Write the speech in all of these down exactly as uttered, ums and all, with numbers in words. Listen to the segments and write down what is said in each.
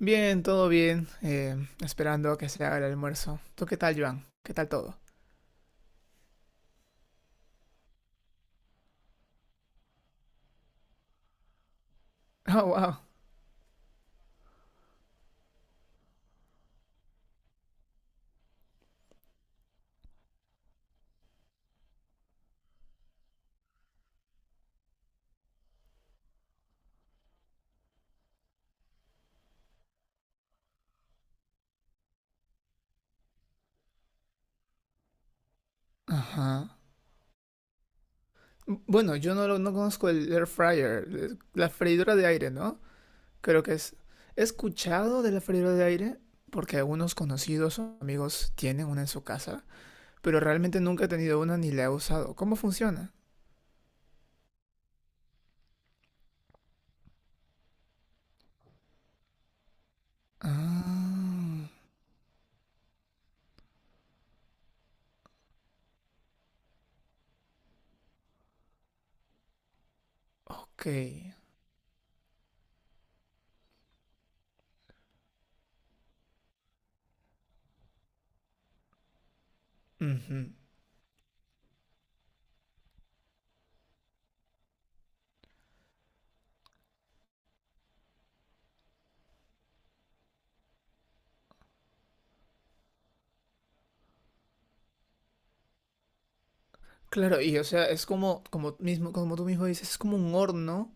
Bien, todo bien. Eh, esperando que se haga el almuerzo. ¿Tú qué tal, Joan? ¿Qué tal todo? Oh, wow. Ajá. Bueno, yo no, lo- no conozco el air fryer, eh, la freidora de aire, ¿no? Creo que es... He escuchado de la freidora de aire porque algunos conocidos o amigos tienen una en su casa, pero realmente nunca he tenido una ni la he usado. ¿Cómo funciona? Ok. Ujú. Claro, y o sea, es como, como, mismo, como tú mismo dices, es como un horno.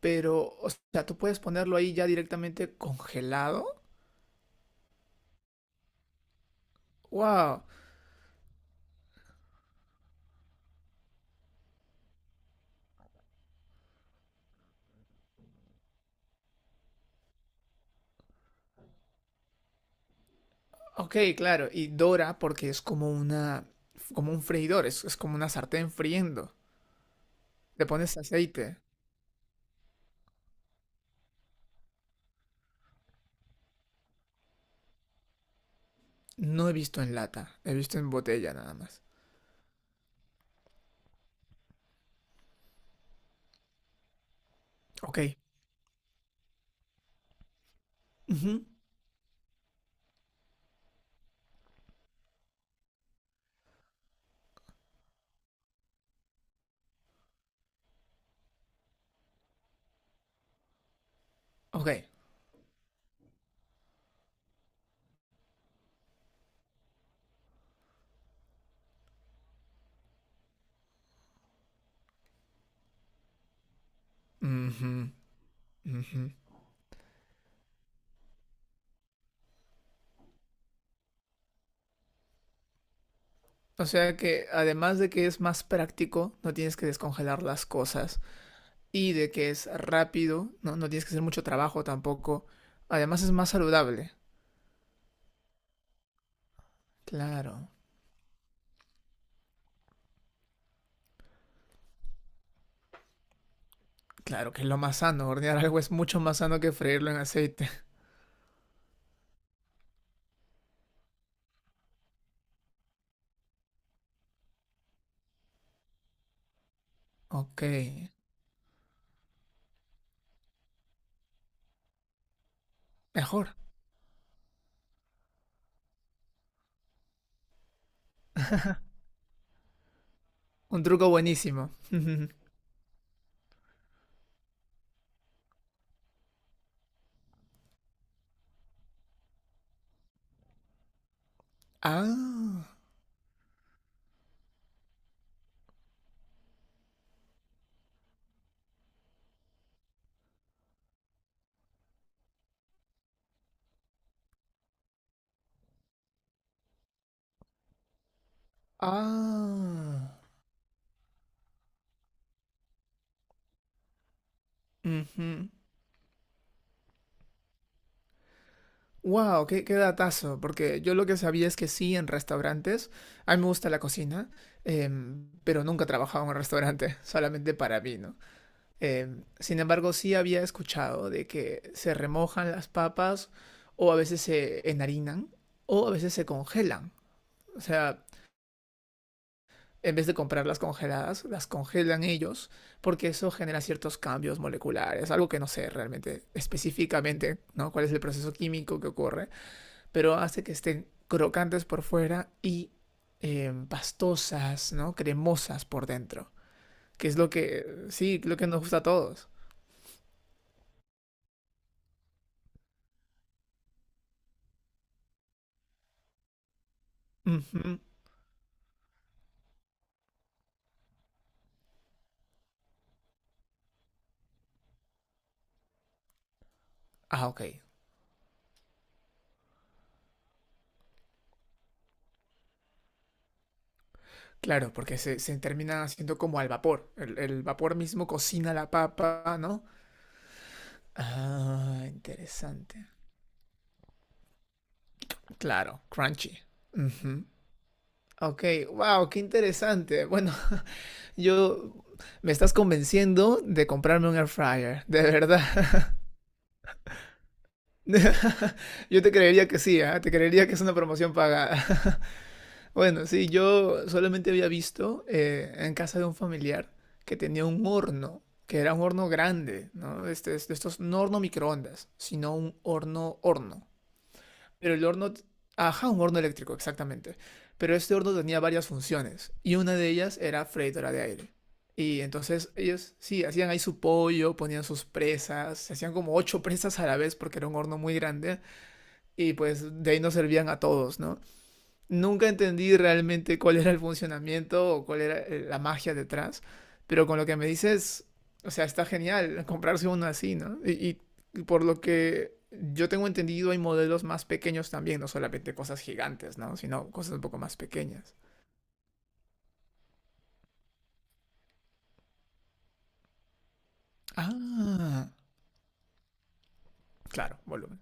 Pero, o sea, tú puedes ponerlo ahí ya directamente congelado. ¡Wow! Ok, claro. Y dora porque es como una, como un freidor, es, es como una sartén friendo. Le pones aceite. No he visto en lata, he visto en botella nada más. Ok. Ujú. Ok. Ujú. Ujú. O sea que además de que es más práctico, no tienes que descongelar las cosas y de que es rápido, no, no tienes que hacer mucho trabajo tampoco. Además es más saludable. Claro. Claro que es lo más sano. Hornear algo es mucho más sano que freírlo en aceite. Ok. Mejor. Un truco buenísimo. Ah. Ah. Ujú. Wow, qué, qué datazo. Porque yo lo que sabía es que sí, en restaurantes. A mí me gusta la cocina. Em, pero nunca he trabajado en un restaurante. Solamente para mí, ¿no? Em, sin embargo, sí había escuchado de que se remojan las papas. O a veces se enharinan. O a veces se congelan. O sea, en vez de comprarlas congeladas, las congelan ellos, porque eso genera ciertos cambios moleculares, algo que no sé realmente específicamente, ¿no? Cuál es el proceso químico que ocurre, pero hace que estén crocantes por fuera y eh, pastosas, ¿no? Cremosas por dentro, que es lo que, sí, lo que nos gusta a todos. Ujú. Ah, ok. Claro, porque se, se termina haciendo como al vapor. El, el vapor mismo cocina la papa, ¿no? Ah, interesante. Claro, crunchy. Ujú. Ok, wow, qué interesante. Bueno, yo me estás convenciendo de comprarme un air fryer, de verdad. Yo te creería que sí, ¿ah? Te creería que es una promoción pagada. Bueno, sí, yo solamente había visto eh, en casa de un familiar que tenía un horno, que era un horno grande, ¿no? Este, es- estos, no horno microondas, sino un horno horno. Pero el horno, ajá, un horno eléctrico, exactamente. Pero este horno tenía varias funciones y una de ellas era freidora de aire. Y entonces ellos, sí, hacían ahí su pollo, ponían sus presas, se hacían como ocho presas a la vez porque era un horno muy grande y pues de ahí nos servían a todos, ¿no? Nunca entendí realmente cuál era el funcionamiento o cuál era eh, la magia detrás, pero con lo que me dices, o sea, está genial comprarse uno así, ¿no? Y, y por lo que yo tengo entendido, hay modelos más pequeños también, no solamente cosas gigantes, ¿no? Sino cosas un poco más pequeñas. Ah, claro, volumen.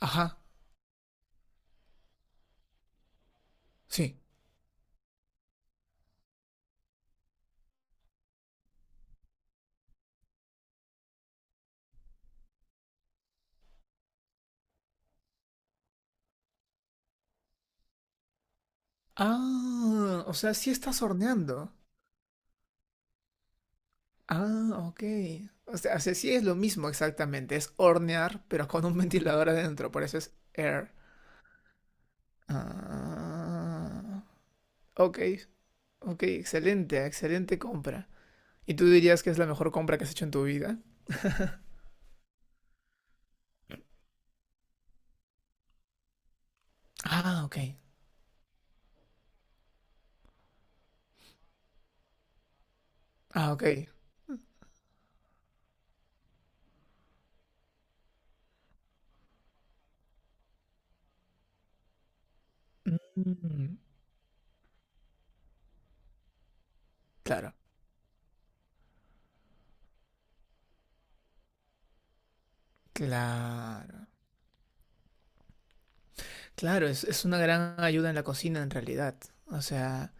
Ajá, sí. Ah, o sea, sí estás horneando. Ah, ok. O sea, o sea, sí es lo mismo exactamente. Es hornear, pero con un ventilador adentro. Por eso es air. Ah, ok, ok, excelente, excelente compra. ¿Y tú dirías que es la mejor compra que has hecho en tu vida? Ah, ok, ah, ok. Mm, claro, claro. Claro, es, es una gran ayuda en la cocina en realidad. O sea,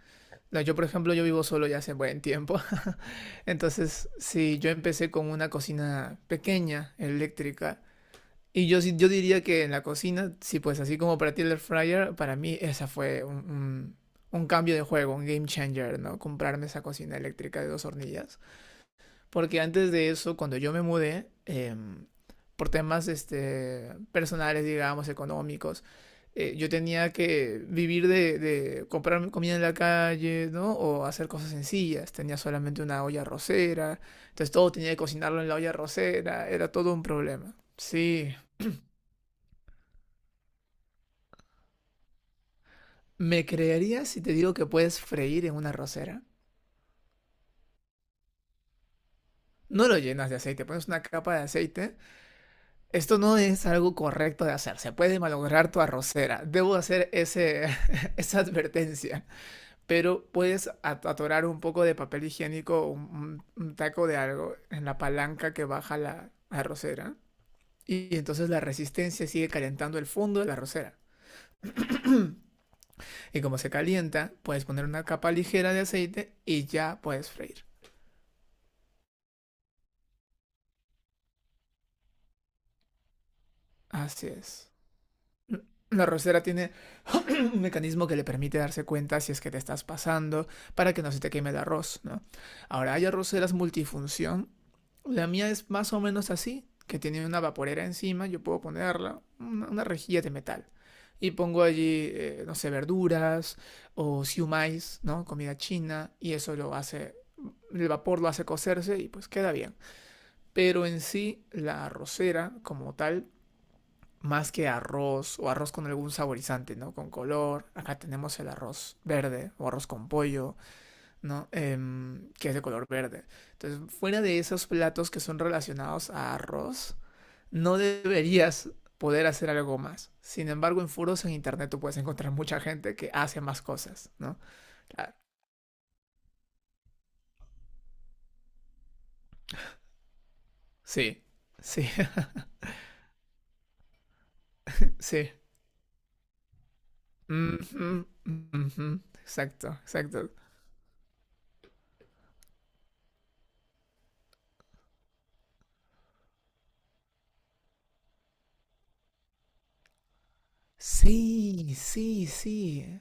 no, yo por ejemplo, yo vivo solo ya hace buen tiempo. Entonces, sí, yo empecé con una cocina pequeña, eléctrica. Y yo, sí- yo diría que en la cocina, sí, pues así como para ti el air fryer, para mí esa fue un, un- un cambio de juego, un game changer, ¿no? Comprarme esa cocina eléctrica de dos hornillas. Porque antes de eso, cuando yo me mudé, em, por temas este, personales, digamos, económicos, eh, yo tenía que vivir de, de comprar comida en la calle, ¿no? O hacer cosas sencillas. Tenía solamente una olla arrocera, entonces todo tenía que cocinarlo en la olla arrocera, era todo un problema. Sí. ¿Me creerías si te digo que puedes freír en una arrocera? No lo llenas de aceite, pones una capa de aceite. Esto no es algo correcto de hacer, se puede malograr tu arrocera. Debo hacer ese, esa advertencia. Pero puedes at- atorar un poco de papel higiénico, un, un- taco de algo en la palanca que baja la arrocera. Y entonces la resistencia sigue calentando el fondo de la arrocera. Y como se calienta, puedes poner una capa ligera de aceite y ya puedes freír. Así es. La rosera tiene un mecanismo que le permite darse cuenta si es que te estás pasando para que no se te queme el arroz, ¿no? Ahora, hay arroceras multifunción. La mía es más o menos así, que tiene una vaporera encima, yo puedo ponerla, una, una rejilla de metal. Y pongo allí, eh, no sé, verduras o siumais, ¿no? Comida china, y eso lo hace el vapor lo hace cocerse y pues queda bien. Pero en sí, la arrocera como tal, más que arroz o arroz con algún saborizante, ¿no? Con color. Acá tenemos el arroz verde o arroz con pollo, ¿no? Eh, que es de color verde. Entonces, fuera de esos platos que son relacionados a arroz, no deberías poder hacer algo más. Sin embargo, en foros en internet tú puedes encontrar mucha gente que hace más cosas, ¿no? Claro. Sí, sí, sí. Mm -hmm, mm -hmm. Exacto, exacto. Sí, sí, sí.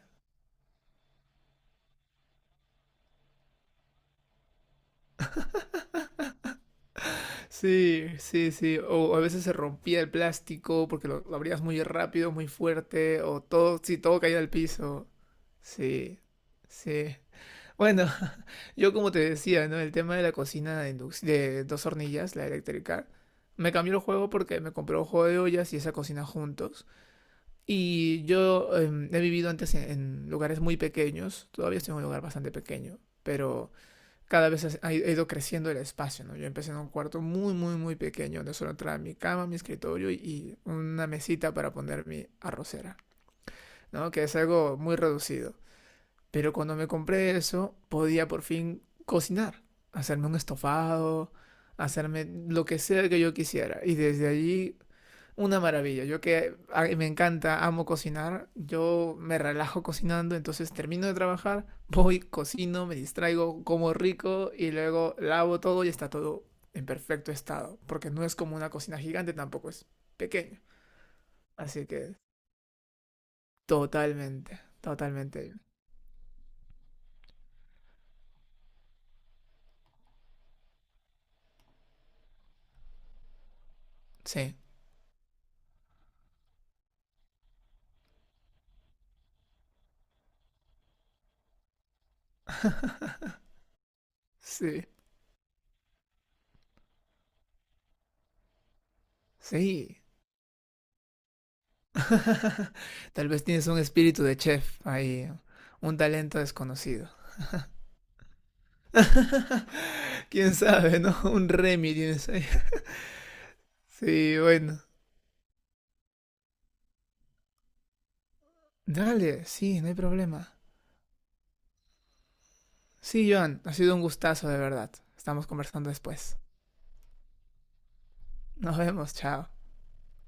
Sí, sí, sí. O a veces se rompía el plástico porque lo, lo abrías muy rápido, muy fuerte, o todo, sí, todo caía al piso. Sí, sí. Bueno, yo como te decía, ¿no? El tema de la cocina de, induc- de dos hornillas, la eléctrica, me cambió el juego porque me compré un juego de ollas y esa cocina juntos. Y yo em, he vivido antes en, en lugares muy pequeños, todavía estoy en un lugar bastante pequeño, pero cada vez ha ido creciendo el espacio, ¿no? Yo empecé en un cuarto muy, muy, muy pequeño, donde solo entraba mi cama, mi escritorio y una mesita para poner mi arrocera, ¿no? Que es algo muy reducido. Pero cuando me compré eso, podía por fin cocinar, hacerme un estofado, hacerme lo que sea que yo quisiera. Y desde allí una maravilla. Yo que a- me encanta, amo cocinar. Yo me relajo cocinando, entonces termino de trabajar, voy, cocino, me distraigo, como rico y luego lavo todo y está todo en perfecto estado. Porque no es como una cocina gigante, tampoco es pequeño. Así que totalmente, totalmente. Sí, sí, sí. Tal vez tienes un espíritu de chef ahí, un talento desconocido. ¿Quién sabe, no? Un Remy tienes ahí. Sí, bueno. Dale, sí, no hay problema. Sí, Joan, ha sido un gustazo de verdad. Estamos conversando después. Nos vemos, chao.